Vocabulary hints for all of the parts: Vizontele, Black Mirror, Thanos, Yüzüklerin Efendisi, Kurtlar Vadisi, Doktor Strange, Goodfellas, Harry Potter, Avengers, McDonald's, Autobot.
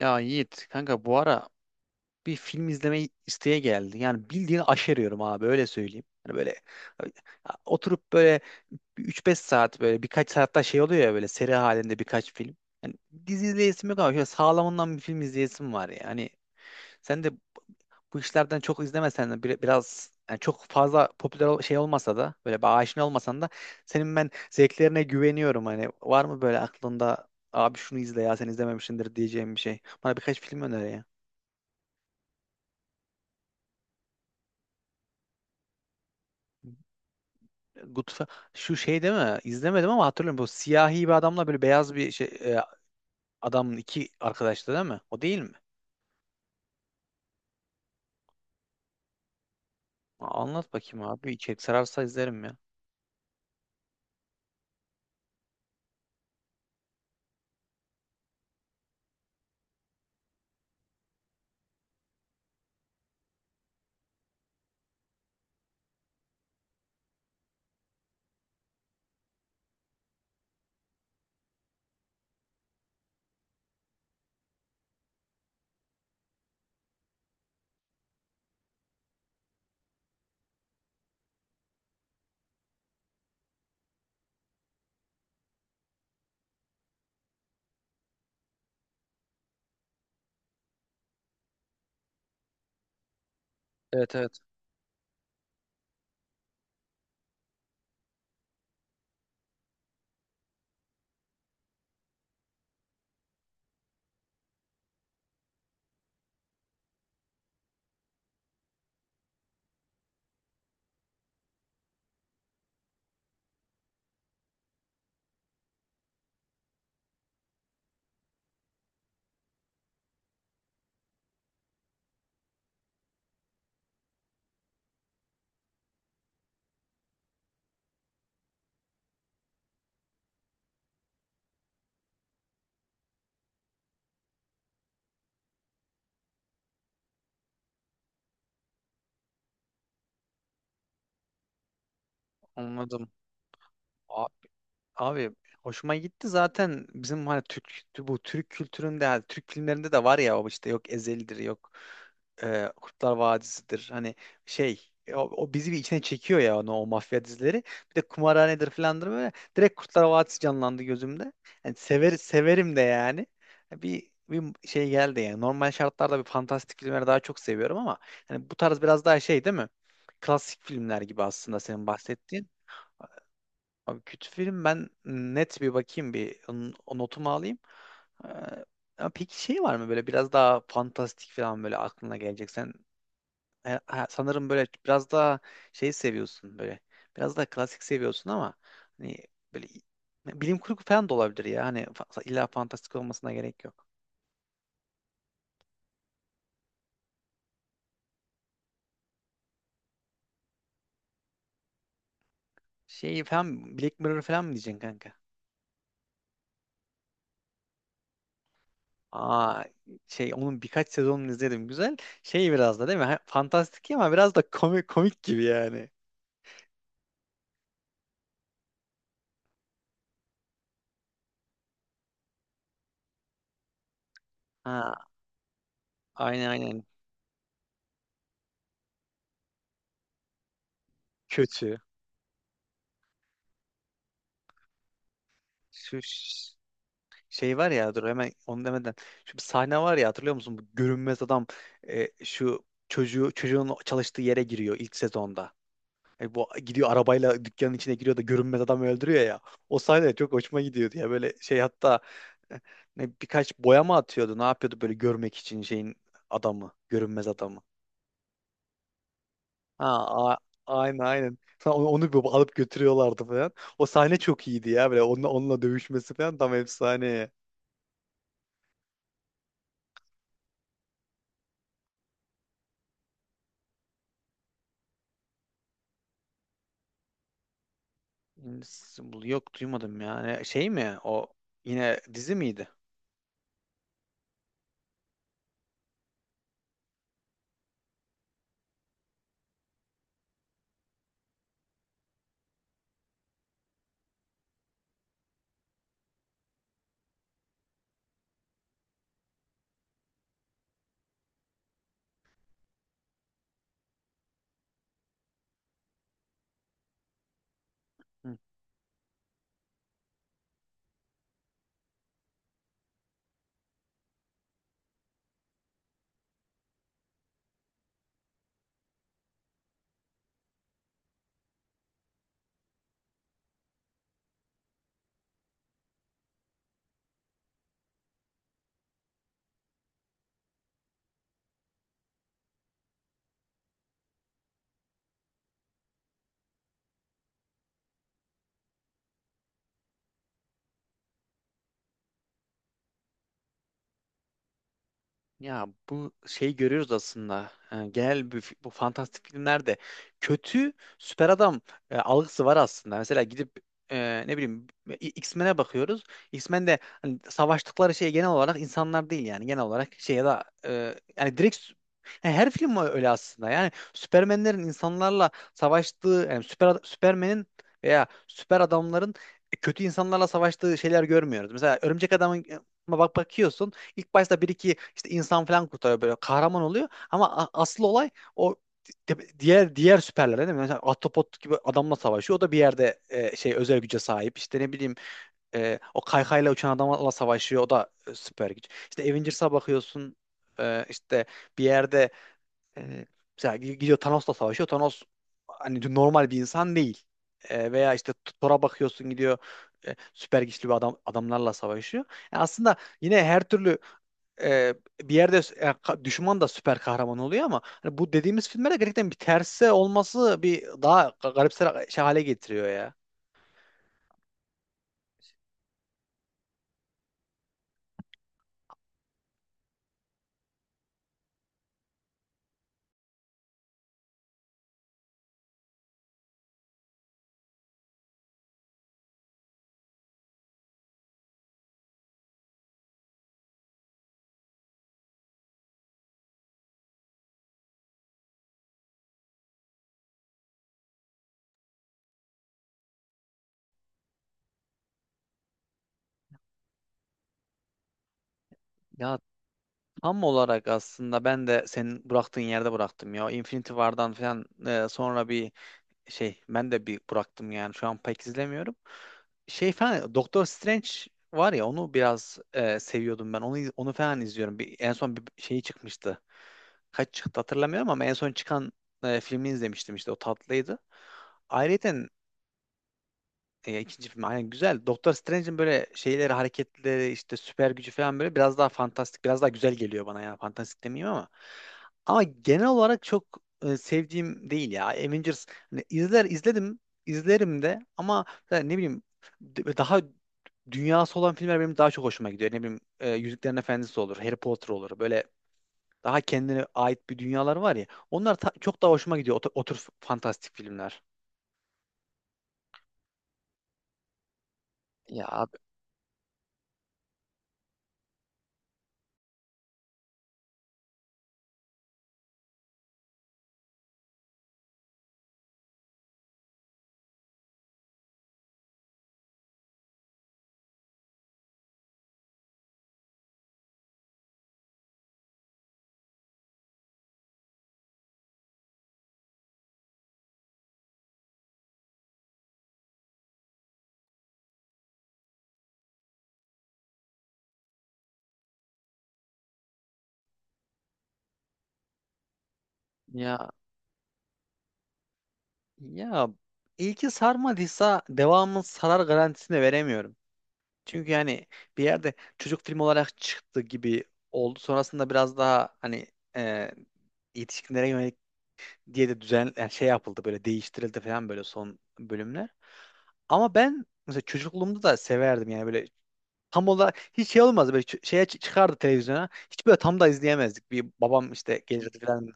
Ya Yiğit kanka bu ara bir film izlemeyi isteye geldi. Yani bildiğin aşeriyorum abi öyle söyleyeyim. Hani böyle ya oturup böyle bir 3-5 saat böyle birkaç saatte şey oluyor ya böyle seri halinde birkaç film. Yani dizi izleyesim yok ama şöyle sağlamından bir film izleyesim var ya. Hani sen de bu işlerden çok izlemesen de biraz yani çok fazla şey olmasa da böyle bir aşina olmasan da senin ben zevklerine güveniyorum, hani var mı böyle aklında abi şunu izle ya sen izlememişsindir diyeceğim bir şey. Bana birkaç film öner ya. Goodf- Şu şey değil mi? İzlemedim ama hatırlıyorum, bu siyahi bir adamla böyle beyaz bir şey adamın, iki arkadaştı değil mi? O değil mi? Aa, anlat bakayım abi. İçerik sararsa izlerim ya. Evet, evet, anladım. Abi hoşuma gitti zaten bizim hani Türk, bu Türk kültüründe, yani Türk filmlerinde de var ya o, işte yok Ezel'dir, yok Kurtlar Vadisi'dir, hani o, o bizi bir içine çekiyor ya onu, o mafya dizileri, bir de kumarhanedir filandır, böyle direkt Kurtlar Vadisi canlandı gözümde. Yani sever, severim de yani bir şey geldi. Yani normal şartlarda bir fantastik filmleri daha çok seviyorum ama hani bu tarz biraz daha şey değil mi, klasik filmler gibi aslında senin bahsettiğin. Abi kötü film, ben net bir bakayım bir o notumu alayım. Ee, Ya peki şey var mı böyle biraz daha fantastik falan böyle aklına gelecek? Sen sanırım böyle biraz daha şey seviyorsun böyle. Biraz daha klasik seviyorsun ama hani böyle bilim kurgu falan da olabilir ya. Hani illa fantastik olmasına gerek yok. Şey falan Black Mirror falan mı diyeceksin kanka? Aa, şey onun birkaç sezonunu izledim, güzel. Şey biraz da değil mi? Ha, fantastik ama biraz da komik komik gibi yani. Ha, aynen aynen. Kötü. Şu ş- Şey var ya, dur hemen onu demeden. Şu bir sahne var ya, hatırlıyor musun? Bu görünmez adam şu çocuğun çalıştığı yere giriyor ilk sezonda. E, bu gidiyor arabayla dükkanın içine giriyor da görünmez adam öldürüyor ya. O sahne çok hoşuma gidiyordu ya. Böyle şey hatta e, ne, birkaç boya mı atıyordu? Ne yapıyordu böyle görmek için adamı, görünmez adamı. Ha, a- aynen aynen. Sonra onu, onu bir alıp götürüyorlardı falan. O sahne çok iyiydi ya, böyle onunla, onunla dövüşmesi falan tam efsane. Hmm, yok duymadım yani. Şey mi? O yine dizi miydi? Ya bu şey görüyoruz aslında. Yani bu fantastik filmlerde kötü süper adam algısı var aslında. Mesela gidip ne bileyim X-Men'e bakıyoruz. X-Men'de hani savaştıkları şey genel olarak insanlar değil, yani genel olarak şey ya da yani yani her film öyle aslında. Yani Süpermenlerin insanlarla savaştığı, yani Süpermen'in veya süper adamların kötü insanlarla savaştığı şeyler görmüyoruz. Mesela Örümcek Adam'ın, bak bakıyorsun, İlk başta bir iki işte insan falan kurtarıyor böyle kahraman oluyor ama asıl olay o diğer süperlere değil mi? Mesela Autobot gibi adamla savaşıyor. O da bir yerde şey özel güce sahip. İşte ne bileyim, o kaykayla uçan adamla savaşıyor. O da süper güç. İşte Avengers'a bakıyorsun, işte bir yerde, e, mesela gidiyor Thanos'la savaşıyor. Thanos hani normal bir insan değil. E, veya işte Thor'a bakıyorsun, gidiyor süper güçlü bir adamlarla savaşıyor. Yani aslında yine her türlü e, bir yerde düşman da süper kahraman oluyor, ama hani bu dediğimiz filmlerde gerçekten bir terse olması bir daha garipser şey hale getiriyor ya. Ya tam olarak aslında ben de senin bıraktığın yerde bıraktım ya. Infinity War'dan falan sonra bir şey, ben de bir bıraktım yani. Şu an pek izlemiyorum. Şey falan Doktor Strange var ya, onu biraz seviyordum ben. Onu falan izliyorum. Bir, en son bir şeyi çıkmıştı. Kaç çıktı hatırlamıyorum ama en son çıkan filmini izlemiştim, işte o tatlıydı. Ayrıca ya ikinci film aynen güzel. Doktor Strange'in böyle şeyleri, hareketleri, işte süper gücü falan böyle biraz daha fantastik, biraz daha güzel geliyor bana ya. Fantastik demeyeyim ama. Ama genel olarak çok sevdiğim değil ya. Avengers hani izledim, izlerim de, ama yani ne bileyim daha dünyası olan filmler benim daha çok hoşuma gidiyor. Ne bileyim Yüzüklerin Efendisi olur, Harry Potter olur. Böyle daha kendine ait bir dünyalar var ya. Onlar çok daha hoşuma gidiyor. O, o tür fantastik filmler. Ya abi ya Ya ilki sarmadıysa devamın sarar garantisini veremiyorum. Çünkü yani bir yerde çocuk filmi olarak çıktı gibi oldu. Sonrasında biraz daha hani e, yetişkinlere yönelik diye de düzen yani şey yapıldı, böyle değiştirildi falan böyle son bölümler. Ama ben mesela çocukluğumda da severdim yani. Böyle tam olarak hiç şey olmazdı, böyle çıkardı televizyona. Hiç böyle tam da izleyemezdik. Bir babam işte gelirdi falan,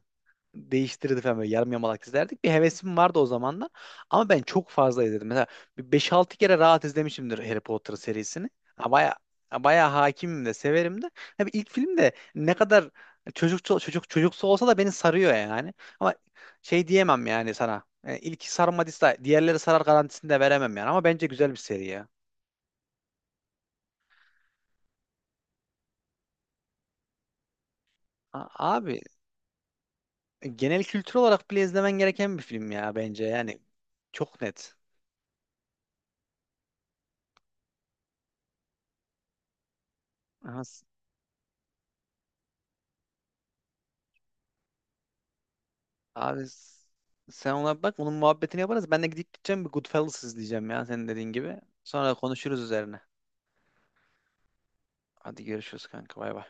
değiştirirdi falan, böyle yarım yamalak izlerdik. Bir hevesim vardı o zamanlar. Ama ben çok fazla izledim. Mesela bir 5-6 kere rahat izlemişimdir Harry Potter serisini. Ha, baya baya hakimim de, severim de. Ha, bir ilk film de ne kadar çocukça çocuk çocuksu olsa da beni sarıyor yani. Ama şey diyemem yani sana. Yani ilki sarmadıysa diğerleri sarar garantisini de veremem yani. Ama bence güzel bir seri ya. A- Abi genel kültür olarak bile izlemen gereken bir film ya, bence yani. Çok net. Aha. Abi s- Sen ona bak. Onun muhabbetini yaparız. Ben de gidip gideceğim bir Goodfellas izleyeceğim ya, senin dediğin gibi. Sonra konuşuruz üzerine. Hadi görüşürüz kanka. Bay bay.